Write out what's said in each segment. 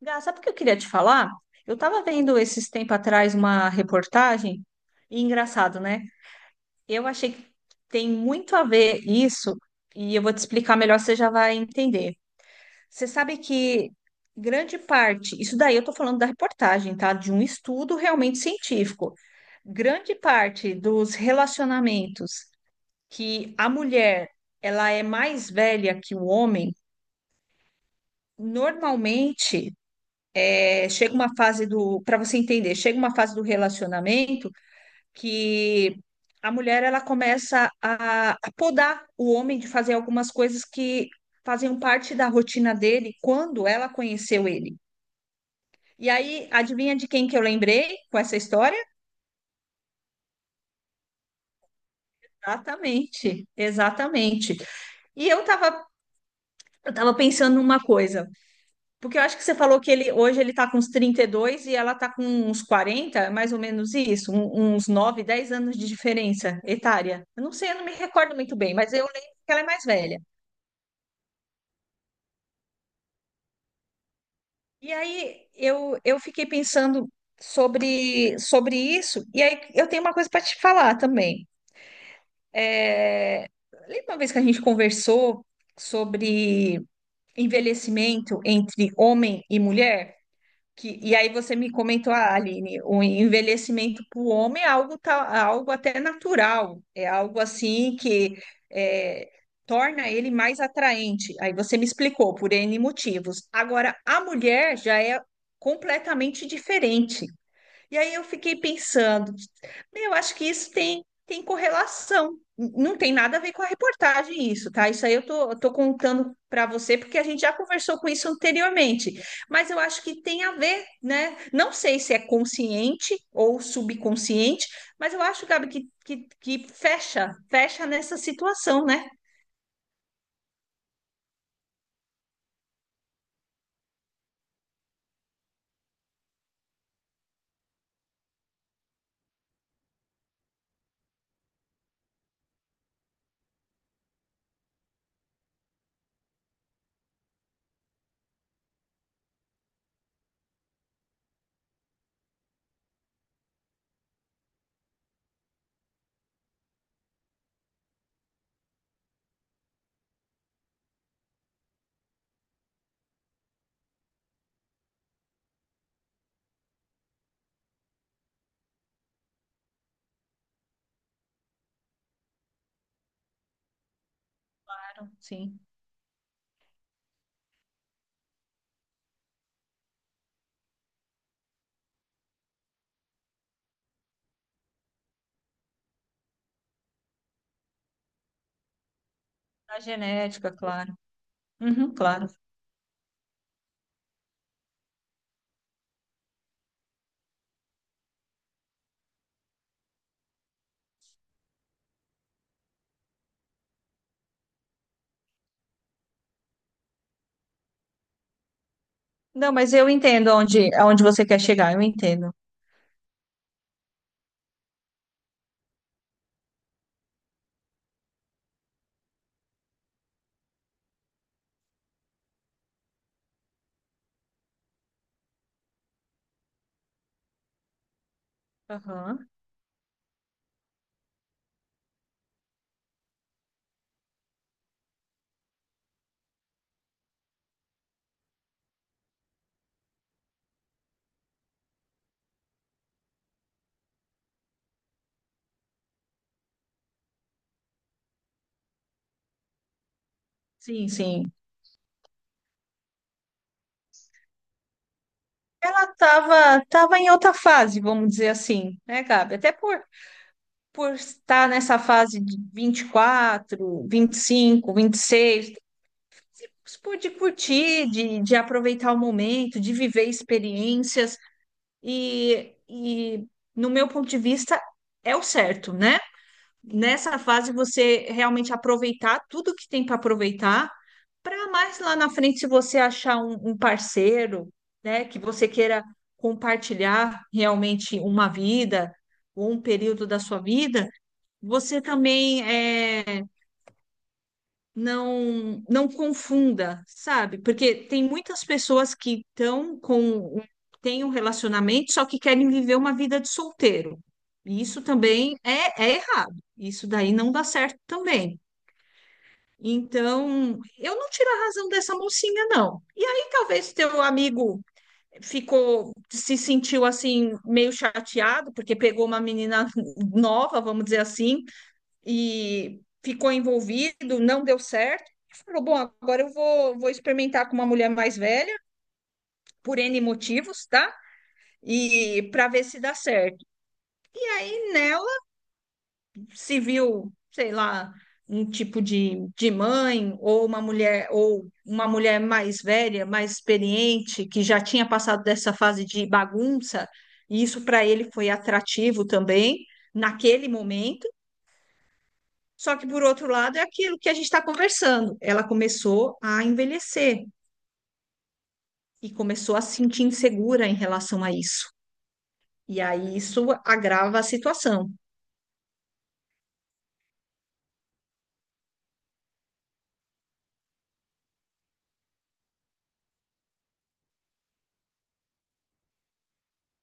Gá, sabe o que eu queria te falar? Eu estava vendo esses tempos atrás uma reportagem, e engraçado, né? Eu achei que tem muito a ver isso, e eu vou te explicar melhor, você já vai entender. Você sabe que grande parte, isso daí eu estou falando da reportagem, tá? De um estudo realmente científico. Grande parte dos relacionamentos que a mulher ela é mais velha que o homem, normalmente chega uma fase do, para você entender, chega uma fase do relacionamento que a mulher ela começa a podar o homem de fazer algumas coisas que faziam parte da rotina dele quando ela conheceu ele. E aí, adivinha de quem que eu lembrei com essa história? Exatamente, exatamente. E eu estava eu tava pensando numa coisa. Porque eu acho que você falou que ele hoje ele tá com uns 32 e ela tá com uns 40, mais ou menos isso, uns 9, 10 anos de diferença etária. Eu não sei, eu não me recordo muito bem, mas eu lembro que ela é mais velha. E aí eu fiquei pensando sobre isso, e aí eu tenho uma coisa para te falar também. É, Lembra uma vez que a gente conversou sobre envelhecimento entre homem e mulher? E aí você me comentou: ah, Aline, o envelhecimento para o homem é algo, algo até natural, é algo assim que é, torna ele mais atraente. Aí você me explicou por N motivos. Agora, a mulher já é completamente diferente. E aí eu fiquei pensando, eu acho que isso tem correlação. Não tem nada a ver com a reportagem isso, tá? Isso aí eu tô contando para você porque a gente já conversou com isso anteriormente. Mas eu acho que tem a ver, né? Não sei se é consciente ou subconsciente, mas eu acho, Gabi, que fecha nessa situação, né? Claro. Sim, a genética, claro. Uhum, claro. Não, mas eu entendo aonde você quer chegar, eu entendo. Aham. Sim, sim. Ela estava tava Tava em outra fase, vamos dizer assim, né, Gabi? Por estar nessa fase de vinte e quatro, 25, 26, por de curtir, de aproveitar o momento, de viver experiências. E no meu ponto de vista, é o certo, né? Nessa fase, você realmente aproveitar tudo que tem para aproveitar, para mais lá na frente, se você achar um parceiro, né, que você queira compartilhar realmente uma vida ou um período da sua vida, você também é não, confunda, sabe? Porque tem muitas pessoas que estão têm um relacionamento, só que querem viver uma vida de solteiro. E isso também é errado. Isso daí não dá certo também. Então, eu não tiro a razão dessa mocinha, não. E aí, talvez teu amigo ficou, se sentiu assim, meio chateado, porque pegou uma menina nova, vamos dizer assim, e ficou envolvido, não deu certo. Falou: bom, agora vou experimentar com uma mulher mais velha, por N motivos, tá? E para ver se dá certo. E nela se viu, sei lá, um tipo de mãe, ou uma mulher, ou uma mulher mais velha, mais experiente, que já tinha passado dessa fase de bagunça, e isso para ele foi atrativo também naquele momento. Só que, por outro lado, é aquilo que a gente está conversando. Ela começou a envelhecer e começou a se sentir insegura em relação a isso. E aí isso agrava a situação.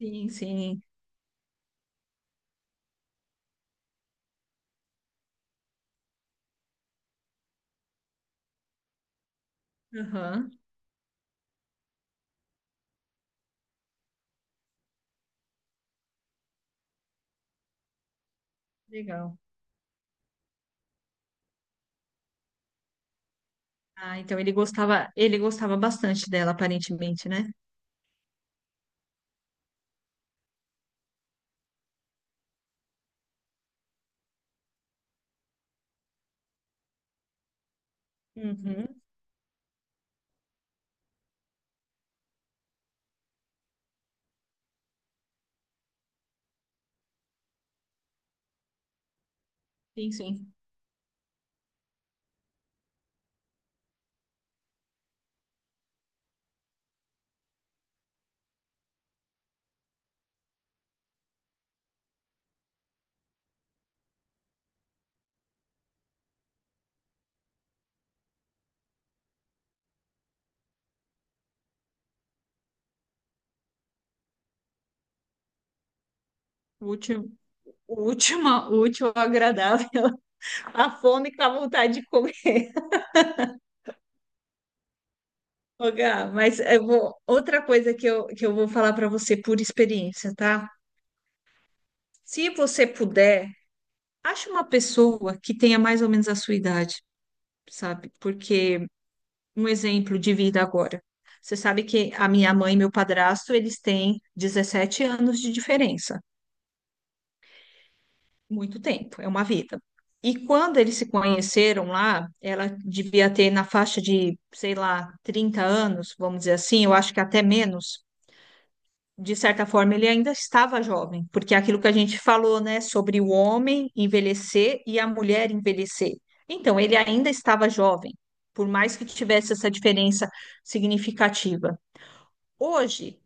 Sim, sim. Aham. Legal. Ah, então ele gostava bastante dela, aparentemente, né? Uhum. Sim, sim. Útil, última, útil, agradável. A fome com a vontade de comer. Ô, Gá, mas eu vou, outra coisa que eu vou falar para você por experiência, tá? Se você puder, acha uma pessoa que tenha mais ou menos a sua idade, sabe? Porque um exemplo de vida agora. Você sabe que a minha mãe e meu padrasto, eles têm 17 anos de diferença. Muito tempo, é uma vida. E quando eles se conheceram lá, ela devia ter na faixa de, sei lá, 30 anos, vamos dizer assim, eu acho que até menos. De certa forma, ele ainda estava jovem, porque é aquilo que a gente falou, né, sobre o homem envelhecer e a mulher envelhecer. Então, ele ainda estava jovem, por mais que tivesse essa diferença significativa. Hoje,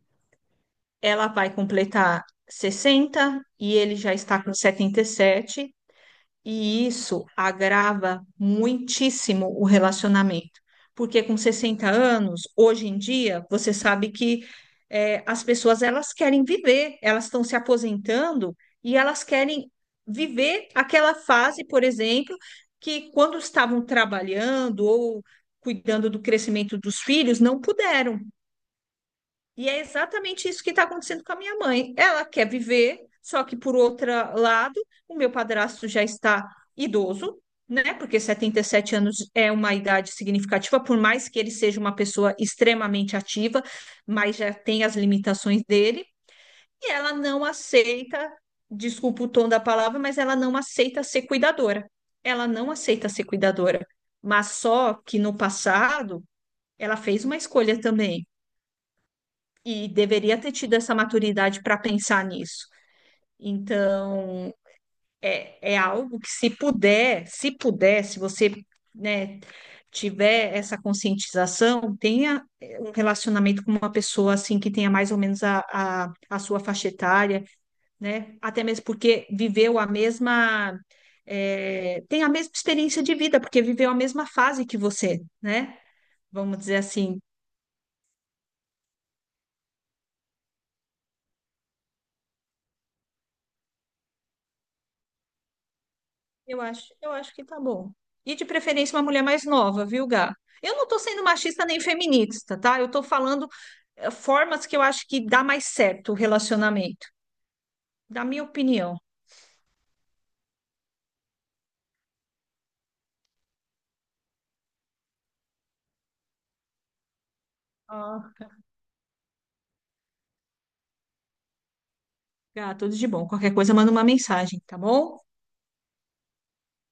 ela vai completar 60 e ele já está com 77, e isso agrava muitíssimo o relacionamento, porque com 60 anos, hoje em dia, você sabe que as pessoas elas querem viver, elas estão se aposentando e elas querem viver aquela fase, por exemplo, que quando estavam trabalhando ou cuidando do crescimento dos filhos, não puderam. E é exatamente isso que está acontecendo com a minha mãe. Ela quer viver, só que por outro lado, o meu padrasto já está idoso, né? Porque 77 anos é uma idade significativa, por mais que ele seja uma pessoa extremamente ativa, mas já tem as limitações dele, e ela não aceita, desculpa o tom da palavra, mas ela não aceita ser cuidadora. Ela não aceita ser cuidadora. Mas só que no passado ela fez uma escolha também, e deveria ter tido essa maturidade para pensar nisso. Então, é, é algo que se puder, se você, né, tiver essa conscientização, tenha um relacionamento com uma pessoa assim que tenha mais ou menos a sua faixa etária, né? Até mesmo porque viveu a mesma, é, tem a mesma experiência de vida, porque viveu a mesma fase que você, né? Vamos dizer assim. Eu acho que tá bom. E de preferência uma mulher mais nova, viu, Gá? Eu não tô sendo machista nem feminista, tá? Eu tô falando formas que eu acho que dá mais certo o relacionamento, da minha opinião. Ah, Gá, tudo de bom. Qualquer coisa, manda uma mensagem, tá bom?